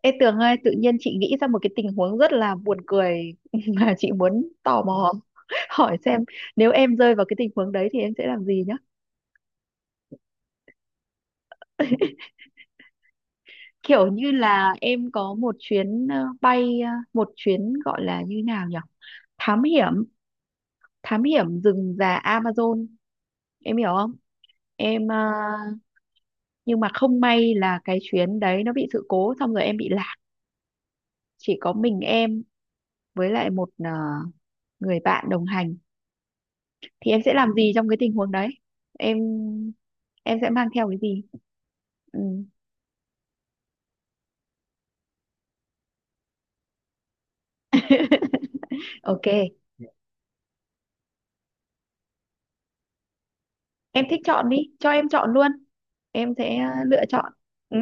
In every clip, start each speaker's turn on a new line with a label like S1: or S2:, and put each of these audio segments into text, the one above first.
S1: Ê Tường ơi, tự nhiên chị nghĩ ra một cái tình huống rất là buồn cười mà chị muốn tò mò hỏi xem nếu em rơi vào cái tình huống đấy thì em sẽ làm gì nhá. Kiểu như là em có một chuyến bay, một chuyến gọi là như nào nhỉ? Thám hiểm, thám hiểm rừng già Amazon, em hiểu không? Em nhưng mà không may là cái chuyến đấy nó bị sự cố xong rồi em bị lạc, chỉ có mình em với lại một người bạn đồng hành thì em sẽ làm gì trong cái tình huống đấy em sẽ mang theo cái gì ừ. Ok em thích chọn đi cho em chọn luôn em sẽ lựa chọn ừ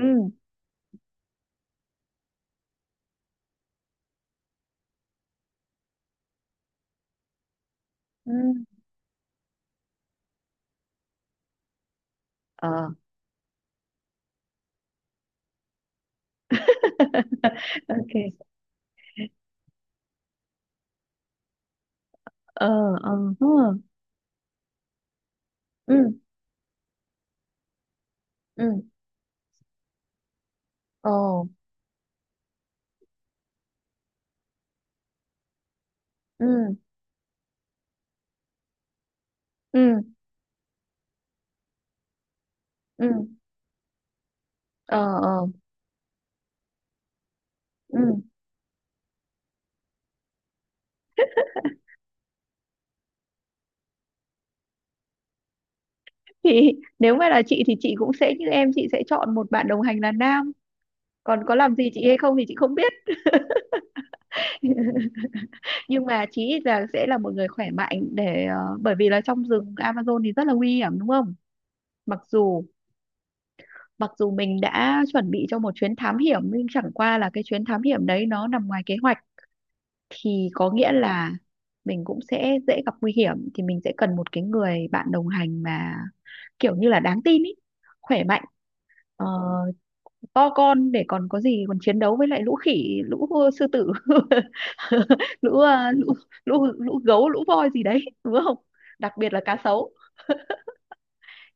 S1: ừ ờ ok ờ ờ hơ. Ừ ừ ờ ừ ừ ừ ờ ờ ừ thì nếu mà là chị thì chị cũng sẽ như em chị sẽ chọn một bạn đồng hành là nam còn có làm gì chị hay không thì chị không biết. Nhưng mà chí ít là sẽ là một người khỏe mạnh để bởi vì là trong rừng Amazon thì rất là nguy hiểm đúng không? Mặc dù mặc dù mình đã chuẩn bị cho một chuyến thám hiểm nhưng chẳng qua là cái chuyến thám hiểm đấy nó nằm ngoài kế hoạch thì có nghĩa là mình cũng sẽ dễ gặp nguy hiểm thì mình sẽ cần một cái người bạn đồng hành mà kiểu như là đáng tin ý, khỏe mạnh. Ờ, to con để còn có gì còn chiến đấu với lại lũ khỉ lũ sư tử, lũ lũ lũ lũ gấu lũ voi gì đấy đúng không, đặc biệt là cá sấu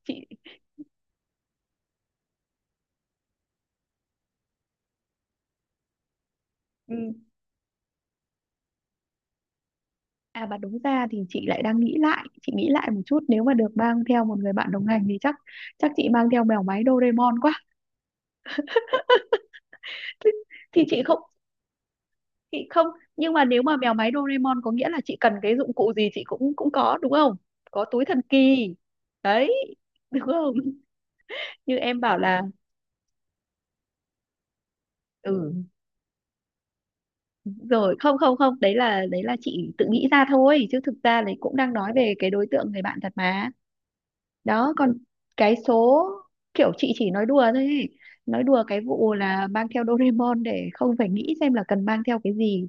S1: chị ừ, à mà đúng ra thì chị lại đang nghĩ lại chị nghĩ lại một chút nếu mà được mang theo một người bạn đồng hành thì chắc chắc chị mang theo mèo máy Doraemon quá. thì, thì chị không nhưng mà nếu mà mèo máy Doraemon có nghĩa là chị cần cái dụng cụ gì chị cũng cũng có đúng không, có túi thần kỳ đấy đúng không như em bảo là ừ rồi không không không đấy là đấy là chị tự nghĩ ra thôi chứ thực ra đấy cũng đang nói về cái đối tượng người bạn thật mà. Đó còn cái số kiểu chị chỉ nói đùa thôi ấy. Nói đùa cái vụ là mang theo Doraemon để không phải nghĩ xem là cần mang theo cái gì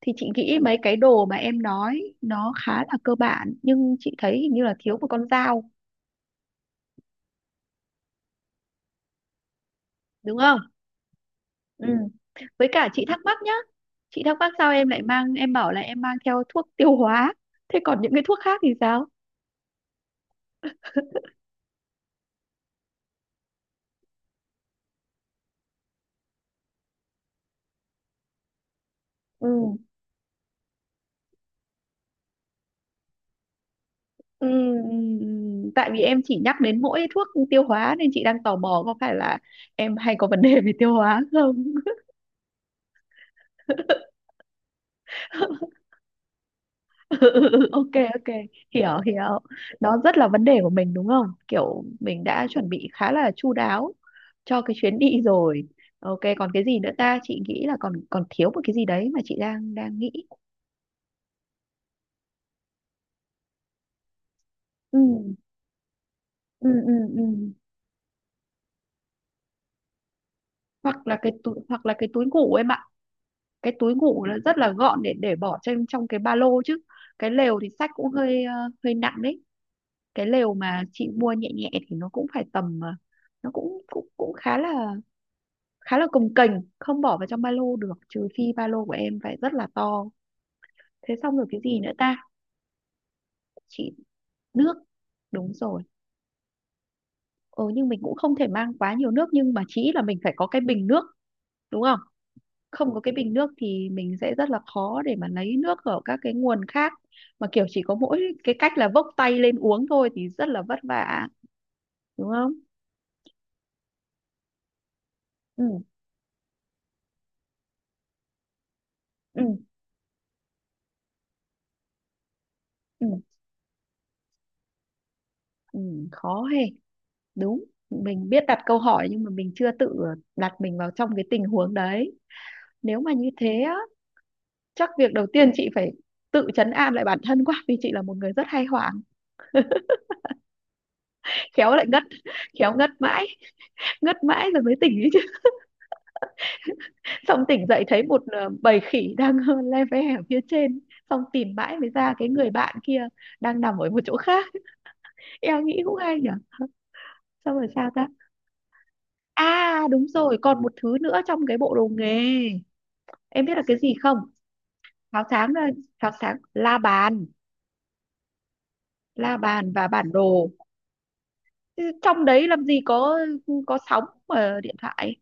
S1: thì chị nghĩ mấy cái đồ mà em nói nó khá là cơ bản nhưng chị thấy hình như là thiếu một con dao đúng không ừ. Với cả chị thắc mắc nhá chị thắc mắc sao em lại mang em bảo là em mang theo thuốc tiêu hóa thế còn những cái thuốc khác thì sao ừ Ừ, ừ, ừ. Tại vì em chỉ nhắc đến mỗi thuốc tiêu hóa nên chị đang tò mò có phải là em hay có vấn đề về tiêu hóa không? Ừ, ừ, ừ, ok ok hiểu hiểu đó rất là vấn đề của mình đúng không kiểu mình đã chuẩn bị khá là chu đáo cho cái chuyến đi rồi. Ok còn cái gì nữa ta chị nghĩ là còn còn thiếu một cái gì đấy mà chị đang đang nghĩ ừ ừ ừ, ừ. Hoặc là cái túi hoặc là cái túi ngủ em ạ, cái túi ngủ nó rất là gọn để bỏ trên trong cái ba lô chứ cái lều thì xách cũng hơi hơi nặng đấy. Cái lều mà chị mua nhẹ nhẹ thì nó cũng phải tầm nó cũng cũng cũng khá là cồng kềnh không bỏ vào trong ba lô được trừ phi ba lô của em phải rất là to. Thế xong rồi cái gì nữa ta chị nước đúng rồi ừ nhưng mình cũng không thể mang quá nhiều nước nhưng mà chỉ là mình phải có cái bình nước đúng không, không có cái bình nước thì mình sẽ rất là khó để mà lấy nước ở các cái nguồn khác mà kiểu chỉ có mỗi cái cách là vốc tay lên uống thôi thì rất là vất vả đúng không ừ ừ ừ, ừ khó hề đúng mình biết đặt câu hỏi nhưng mà mình chưa tự đặt mình vào trong cái tình huống đấy nếu mà như thế á chắc việc đầu tiên chị phải tự trấn an lại bản thân quá vì chị là một người rất hay hoảng khéo lại ngất khéo ngất mãi rồi mới tỉnh ý xong tỉnh dậy thấy một bầy khỉ đang le ve ở phía trên xong tìm mãi mới ra cái người bạn kia đang nằm ở một chỗ khác. Em nghĩ cũng hay nhỉ xong rồi sao ta, à đúng rồi còn một thứ nữa trong cái bộ đồ nghề em biết là cái gì không, pháo sáng là- pháo sáng la bàn và bản đồ. Chứ trong đấy làm gì có sóng ở điện thoại,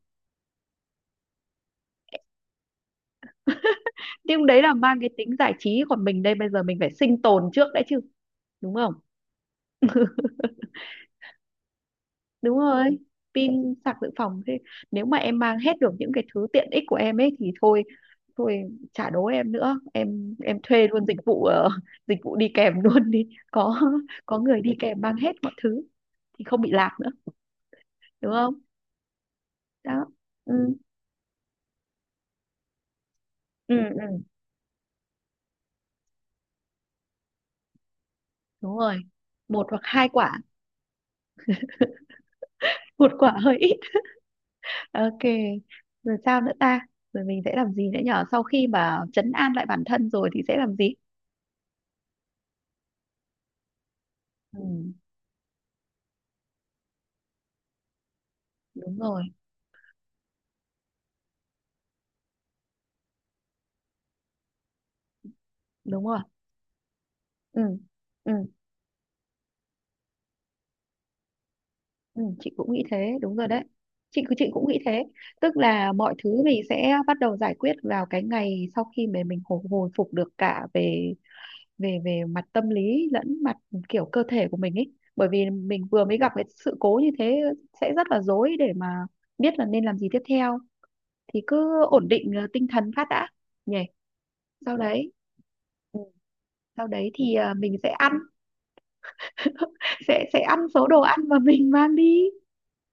S1: nhưng đấy là mang cái tính giải trí còn mình đây bây giờ mình phải sinh tồn trước đã chứ đúng không, đúng rồi pin sạc dự phòng thế nếu mà em mang hết được những cái thứ tiện ích của em ấy thì thôi thôi trả đố em nữa em thuê luôn dịch vụ dịch vụ đi kèm luôn đi có người đi kèm mang hết mọi thứ thì không bị lạc nữa đúng không đó ừ ừ, ừ. Đúng rồi một hoặc hai quả một quả hơi ít ok rồi sao nữa ta rồi mình sẽ làm gì nữa nhở sau khi mà trấn an lại bản thân rồi thì sẽ làm gì ừ, đúng rồi đúng rồi ừ. Ừ Ừ, chị cũng nghĩ thế đúng rồi đấy chị cũng nghĩ thế tức là mọi thứ mình sẽ bắt đầu giải quyết vào cái ngày sau khi mà mình hồi, hồi phục được cả về về về mặt tâm lý lẫn mặt kiểu cơ thể của mình ấy bởi vì mình vừa mới gặp cái sự cố như thế sẽ rất là rối để mà biết là nên làm gì tiếp theo thì cứ ổn định tinh thần phát đã nhỉ sau đấy ừ, sau đấy thì mình sẽ ăn sẽ ăn số đồ ăn mà mình mang đi.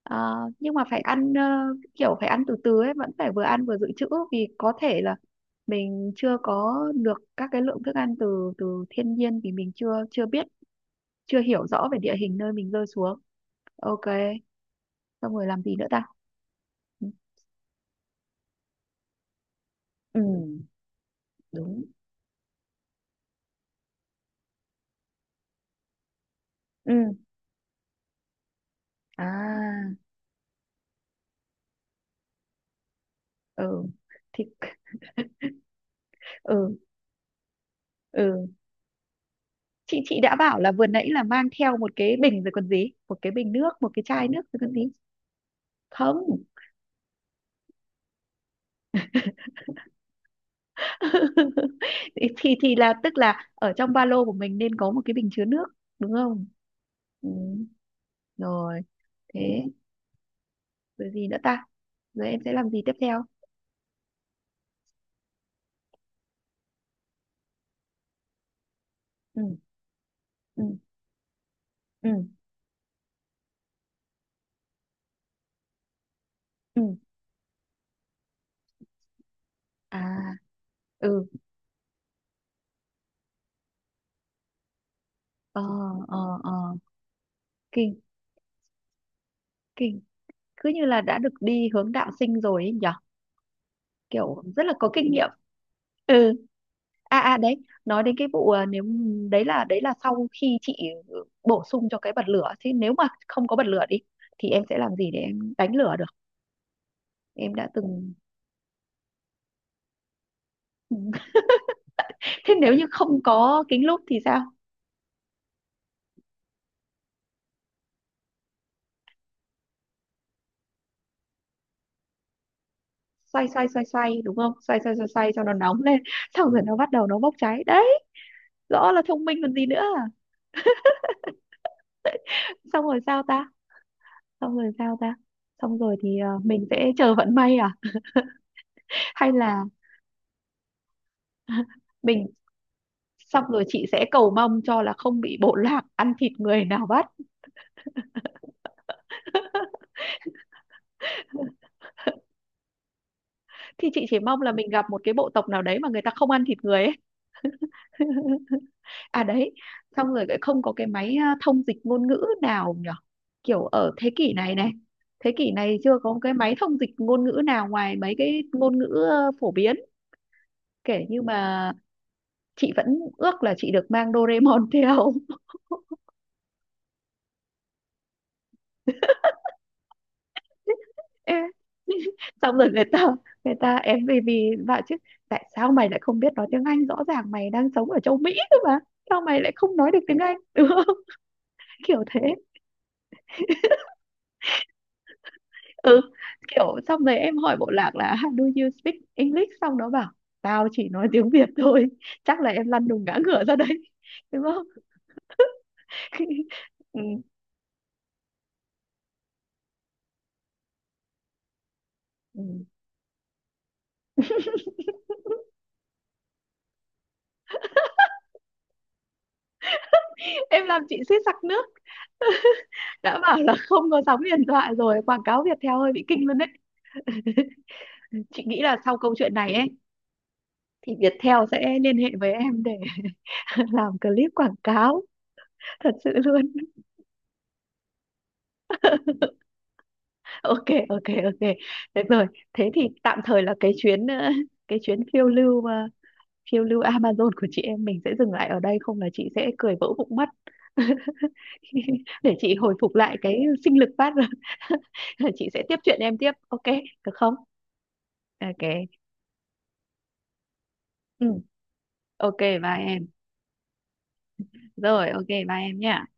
S1: Ờ, nhưng mà phải ăn kiểu phải ăn từ từ ấy vẫn phải vừa ăn vừa dự trữ vì có thể là mình chưa có được các cái lượng thức ăn từ từ thiên nhiên vì mình chưa chưa biết chưa hiểu rõ về địa hình nơi mình rơi xuống ok xong rồi làm gì nữa ta ừ đúng ừ à ừ thì ừ ừ chị đã bảo là vừa nãy là mang theo một cái bình rồi còn gì một cái bình nước một cái chai nước rồi còn gì không. Thì là tức là ở trong ba lô của mình nên có một cái bình chứa nước đúng không ừ. Rồi thế rồi gì nữa ta rồi em sẽ làm gì tiếp theo ừ ừ ừ ừ à ừ ờ ờ ờ kinh kinh cứ như là đã được đi hướng đạo sinh rồi ấy nhở kiểu rất là có kinh nghiệm ừ à à đấy nói đến cái vụ à, nếu đấy là sau khi chị bổ sung cho cái bật lửa chứ nếu mà không có bật lửa đi thì em sẽ làm gì để em đánh lửa em đã từng. Thế nếu như không có kính lúp thì sao xoay xoay xoay xoay đúng không xoay xoay xoay xoay cho nó nóng lên xong rồi nó bắt đầu nó bốc cháy đấy rõ là thông minh còn gì nữa xong rồi sao ta xong rồi sao ta xong rồi thì mình sẽ chờ vận may à hay là mình xong rồi chị sẽ cầu mong cho là không bị bộ lạc ăn thịt người nào bắt. Thì chị chỉ mong là mình gặp một cái bộ tộc nào đấy mà người ta không ăn thịt người ấy. À đấy, xong rồi lại không có cái máy thông dịch ngôn ngữ nào nhở? Kiểu ở thế kỷ này này, thế kỷ này chưa có cái máy thông dịch ngôn ngữ nào ngoài mấy cái ngôn ngữ phổ biến. Kể như mà chị vẫn ước là chị được mang Doraemon theo. Ê, xong rồi người ta em vì vì bảo chứ tại sao mày lại không biết nói tiếng Anh rõ ràng mày đang sống ở châu Mỹ cơ mà sao mày lại không nói được tiếng Anh đúng không kiểu thế ừ kiểu xong rồi em hỏi bộ lạc là "How do you speak English xong nó bảo tao chỉ nói tiếng Việt thôi", chắc là em lăn đùng ngã ngửa ra đấy đúng không ừ. Ừ. Em làm chị suýt sặc nước đã bảo là không có sóng điện thoại rồi quảng cáo Viettel hơi bị kinh luôn đấy. Chị nghĩ là sau câu chuyện này ấy thì Viettel sẽ liên hệ với em để làm clip quảng cáo thật sự luôn. Ok ok ok được rồi thế thì tạm thời là cái chuyến cái chuyến phiêu lưu phiêu lưu Amazon của chị em mình sẽ dừng lại ở đây không là chị sẽ cười vỡ bụng mất. Để chị hồi phục lại cái sinh lực phát rồi chị sẽ tiếp chuyện em tiếp ok được không ok ừ. Ok bye em rồi ok bye em nha.